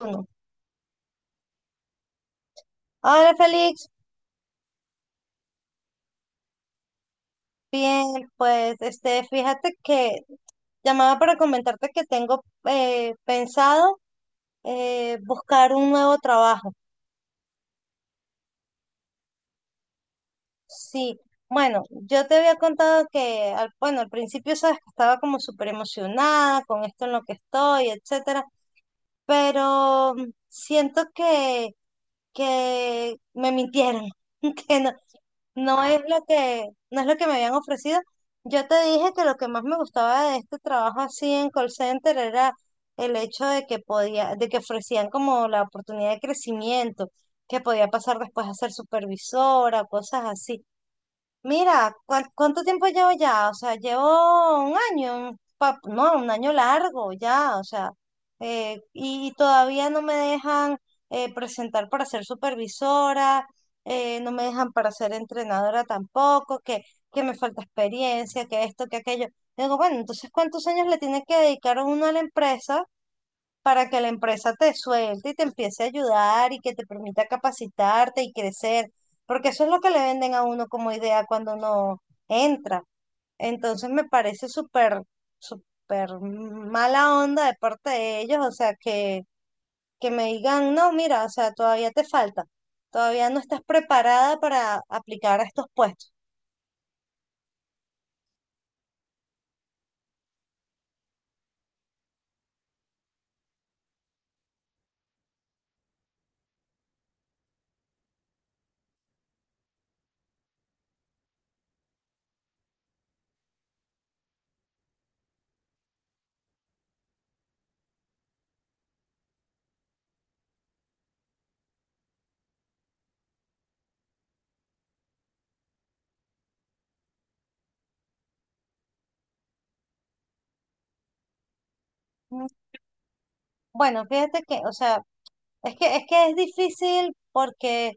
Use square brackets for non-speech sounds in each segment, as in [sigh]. Uno. Hola Félix, bien, pues fíjate que llamaba para comentarte que tengo pensado buscar un nuevo trabajo. Sí, bueno, yo te había contado que, al, bueno, al principio sabes que estaba como súper emocionada con esto en lo que estoy, etcétera, pero siento que me mintieron, [laughs] que no, no es lo no es lo que me habían ofrecido. Yo te dije que lo que más me gustaba de este trabajo así en call center era el hecho de que podía, de que ofrecían como la oportunidad de crecimiento que podía pasar después a ser supervisora, cosas así. Mira, ¿cuánto tiempo llevo ya? O sea, llevo un año, no, un año largo ya, o sea, y todavía no me dejan presentar para ser supervisora, no me dejan para ser entrenadora tampoco, que me falta experiencia, que esto, que aquello. Yo digo, bueno, entonces, ¿cuántos años le tiene que dedicar uno a la empresa para que la empresa te suelte y te empiece a ayudar y que te permita capacitarte y crecer, porque eso es lo que le venden a uno como idea cuando uno entra? Entonces me parece súper, súper mala onda de parte de ellos, o sea, que me digan, no, mira, o sea, todavía te falta, todavía no estás preparada para aplicar a estos puestos. Mm, Bueno, fíjate que, o sea, es es que es difícil porque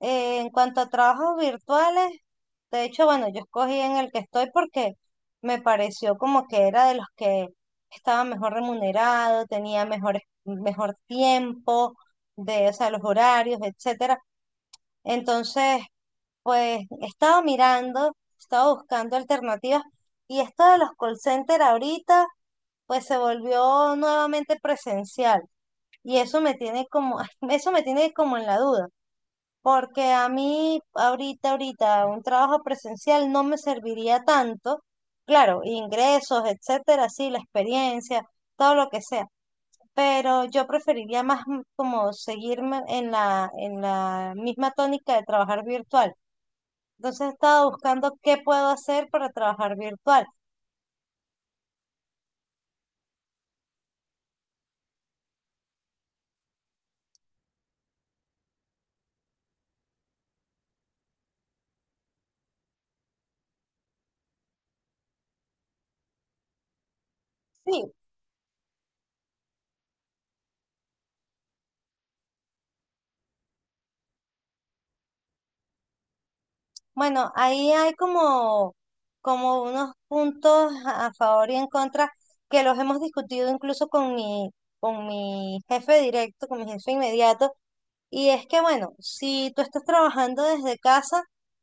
en cuanto a trabajos virtuales, de hecho, bueno, yo escogí en el que estoy porque me pareció como que era de los que estaba mejor remunerado, tenía mejor, mejor tiempo, de, o sea, los horarios, etcétera. Entonces, pues estaba mirando, estaba buscando alternativas, y esto de los call centers ahorita, pues se volvió nuevamente presencial. Y eso me tiene como, [laughs] eso me tiene como en la duda, porque a mí ahorita, ahorita, un trabajo presencial no me serviría tanto, claro, ingresos, etcétera, sí, la experiencia, todo lo que sea, pero yo preferiría como seguirme en en la misma tónica de trabajar virtual. Entonces he estado buscando qué puedo hacer para trabajar virtual. Sí, bueno, ahí hay como, como unos puntos a favor y en contra que los hemos discutido incluso con mi jefe directo, con mi jefe inmediato. Y es que, bueno, si tú estás trabajando desde casa,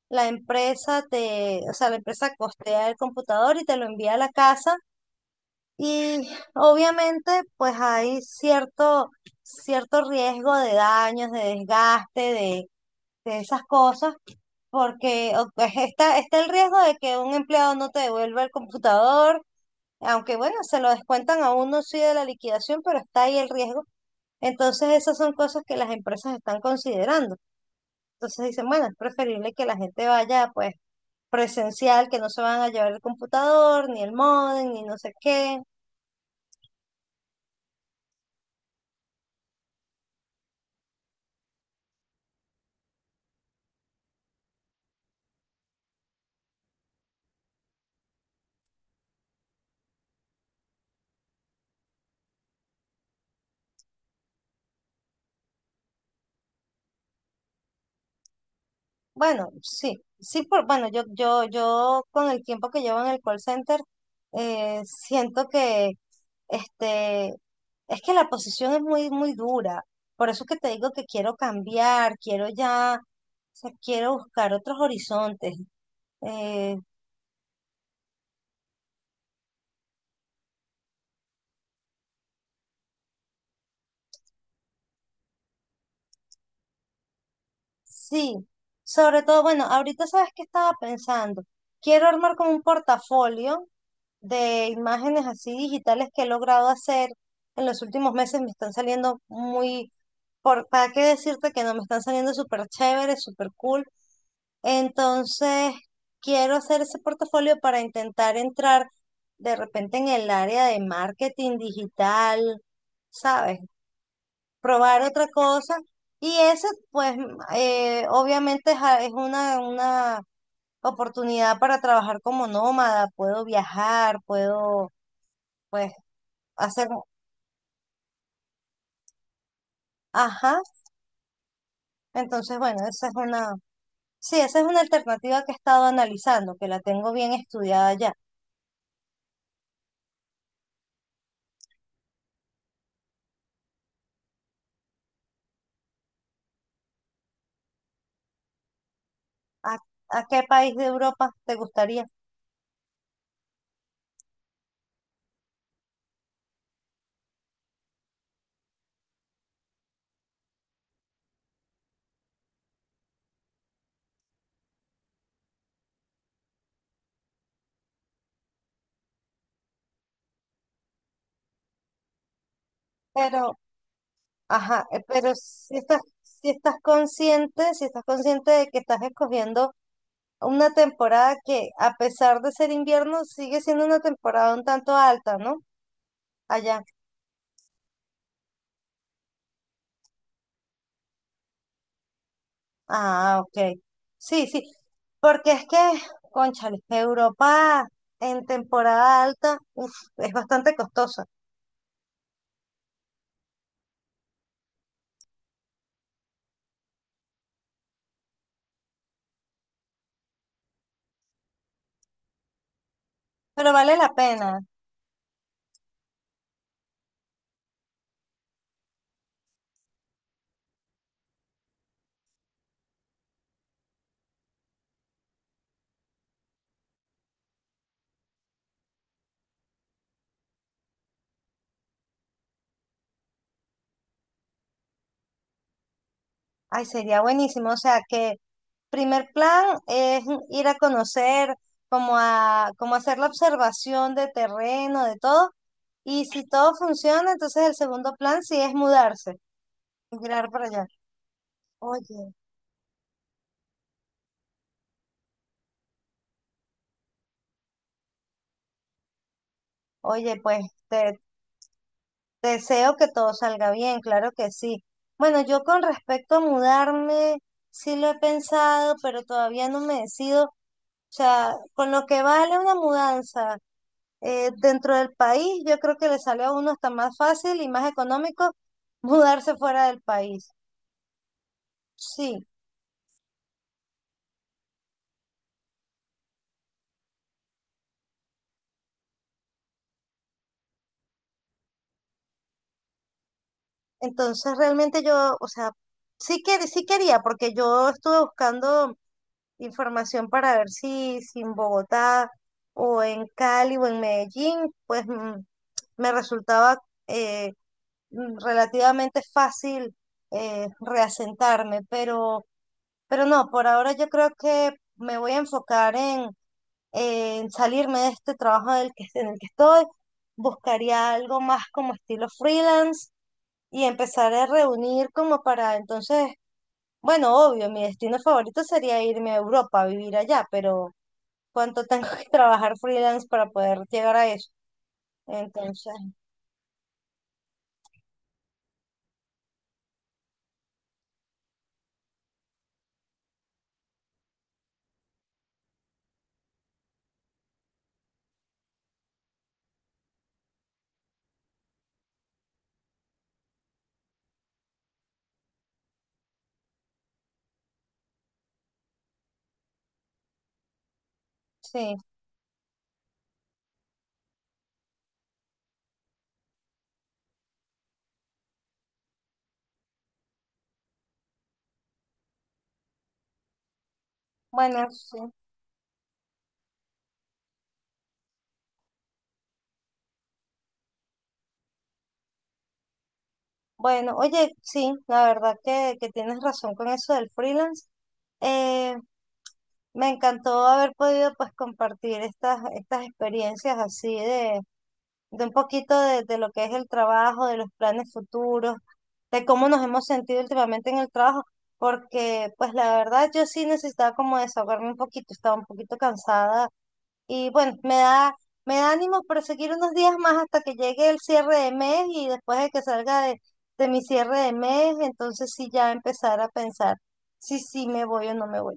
la empresa o sea, la empresa costea el computador y te lo envía a la casa. Y obviamente, pues hay cierto, cierto riesgo de daños, de desgaste, de esas cosas porque pues, está el riesgo de que un empleado no te devuelva el computador, aunque bueno, se lo descuentan a uno sí de la liquidación, pero está ahí el riesgo. Entonces esas son cosas que las empresas están considerando. Entonces dicen, bueno, es preferible que la gente vaya pues presencial, que no se van a llevar el computador, ni el módem, ni no sé qué. Bueno, sí, sí, por, bueno, yo con el tiempo que llevo en el call center, siento que este, es que la posición es muy, muy dura. Por eso que te digo que quiero cambiar, quiero ya, o sea, quiero buscar otros horizontes. Eh, Sí, sobre todo, bueno, ahorita sabes que estaba pensando. Quiero armar como un portafolio de imágenes así digitales que he logrado hacer en los últimos meses. Me están saliendo muy, por, ¿para qué decirte que no? Me están saliendo súper chéveres, súper cool. Entonces, quiero hacer ese portafolio para intentar entrar de repente en el área de marketing digital, ¿sabes? Probar otra cosa. Y eso, pues, obviamente es, es una oportunidad para trabajar como nómada, puedo viajar, puedo, pues, hacer, ajá. Entonces, bueno, esa es una, sí, esa es una alternativa que he estado analizando, que la tengo bien estudiada ya. ¿A, a qué país de Europa te gustaría? Pero, ajá, pero si estás, si estás consciente, si estás consciente de que estás escogiendo una temporada que, a pesar de ser invierno, sigue siendo una temporada un tanto alta, ¿no? Allá. Ah, ok. Sí, sí. Porque es que, cónchale, Europa en temporada alta, uf, es bastante costosa, pero vale la pena. Ay, sería buenísimo. O sea que primer plan es ir a conocer, como a, como hacer la observación de terreno, de todo. Y si todo funciona, entonces el segundo plan sí es mudarse, migrar para allá. Oye, oye, pues te, te deseo que todo salga bien, claro que sí. Bueno, yo con respecto a mudarme, sí lo he pensado, pero todavía no me decido. O sea, con lo que vale una mudanza dentro del país, yo creo que le sale a uno hasta más fácil y más económico mudarse fuera del país. Sí, entonces realmente yo, o sea, sí sí quería, porque yo estuve buscando información para ver si, si en Bogotá o en Cali o en Medellín, pues me resultaba eh, relativamente fácil reasentarme, pero no, por ahora yo creo que me voy a enfocar en salirme de este trabajo del que, en el que estoy, buscaría algo más como estilo freelance y empezar a reunir como para entonces... Bueno, obvio, mi destino favorito sería irme a Europa a vivir allá, pero, cuánto tengo que [laughs] trabajar freelance para poder llegar a eso. Entonces, sí, bueno, sí. Bueno, oye, sí, la verdad que tienes razón con eso del freelance. Eh, me encantó haber podido pues compartir estas, estas experiencias así de un poquito de lo que es el trabajo, de los planes futuros, de cómo nos hemos sentido últimamente en el trabajo, porque pues la verdad yo sí necesitaba como desahogarme un poquito, estaba un poquito cansada. Y bueno, me da ánimo proseguir unos días más hasta que llegue el cierre de mes y después de que salga de mi cierre de mes, entonces sí ya empezar a pensar si sí me voy o no me voy.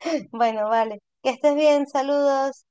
[laughs] Bueno, vale, que estés bien, saludos.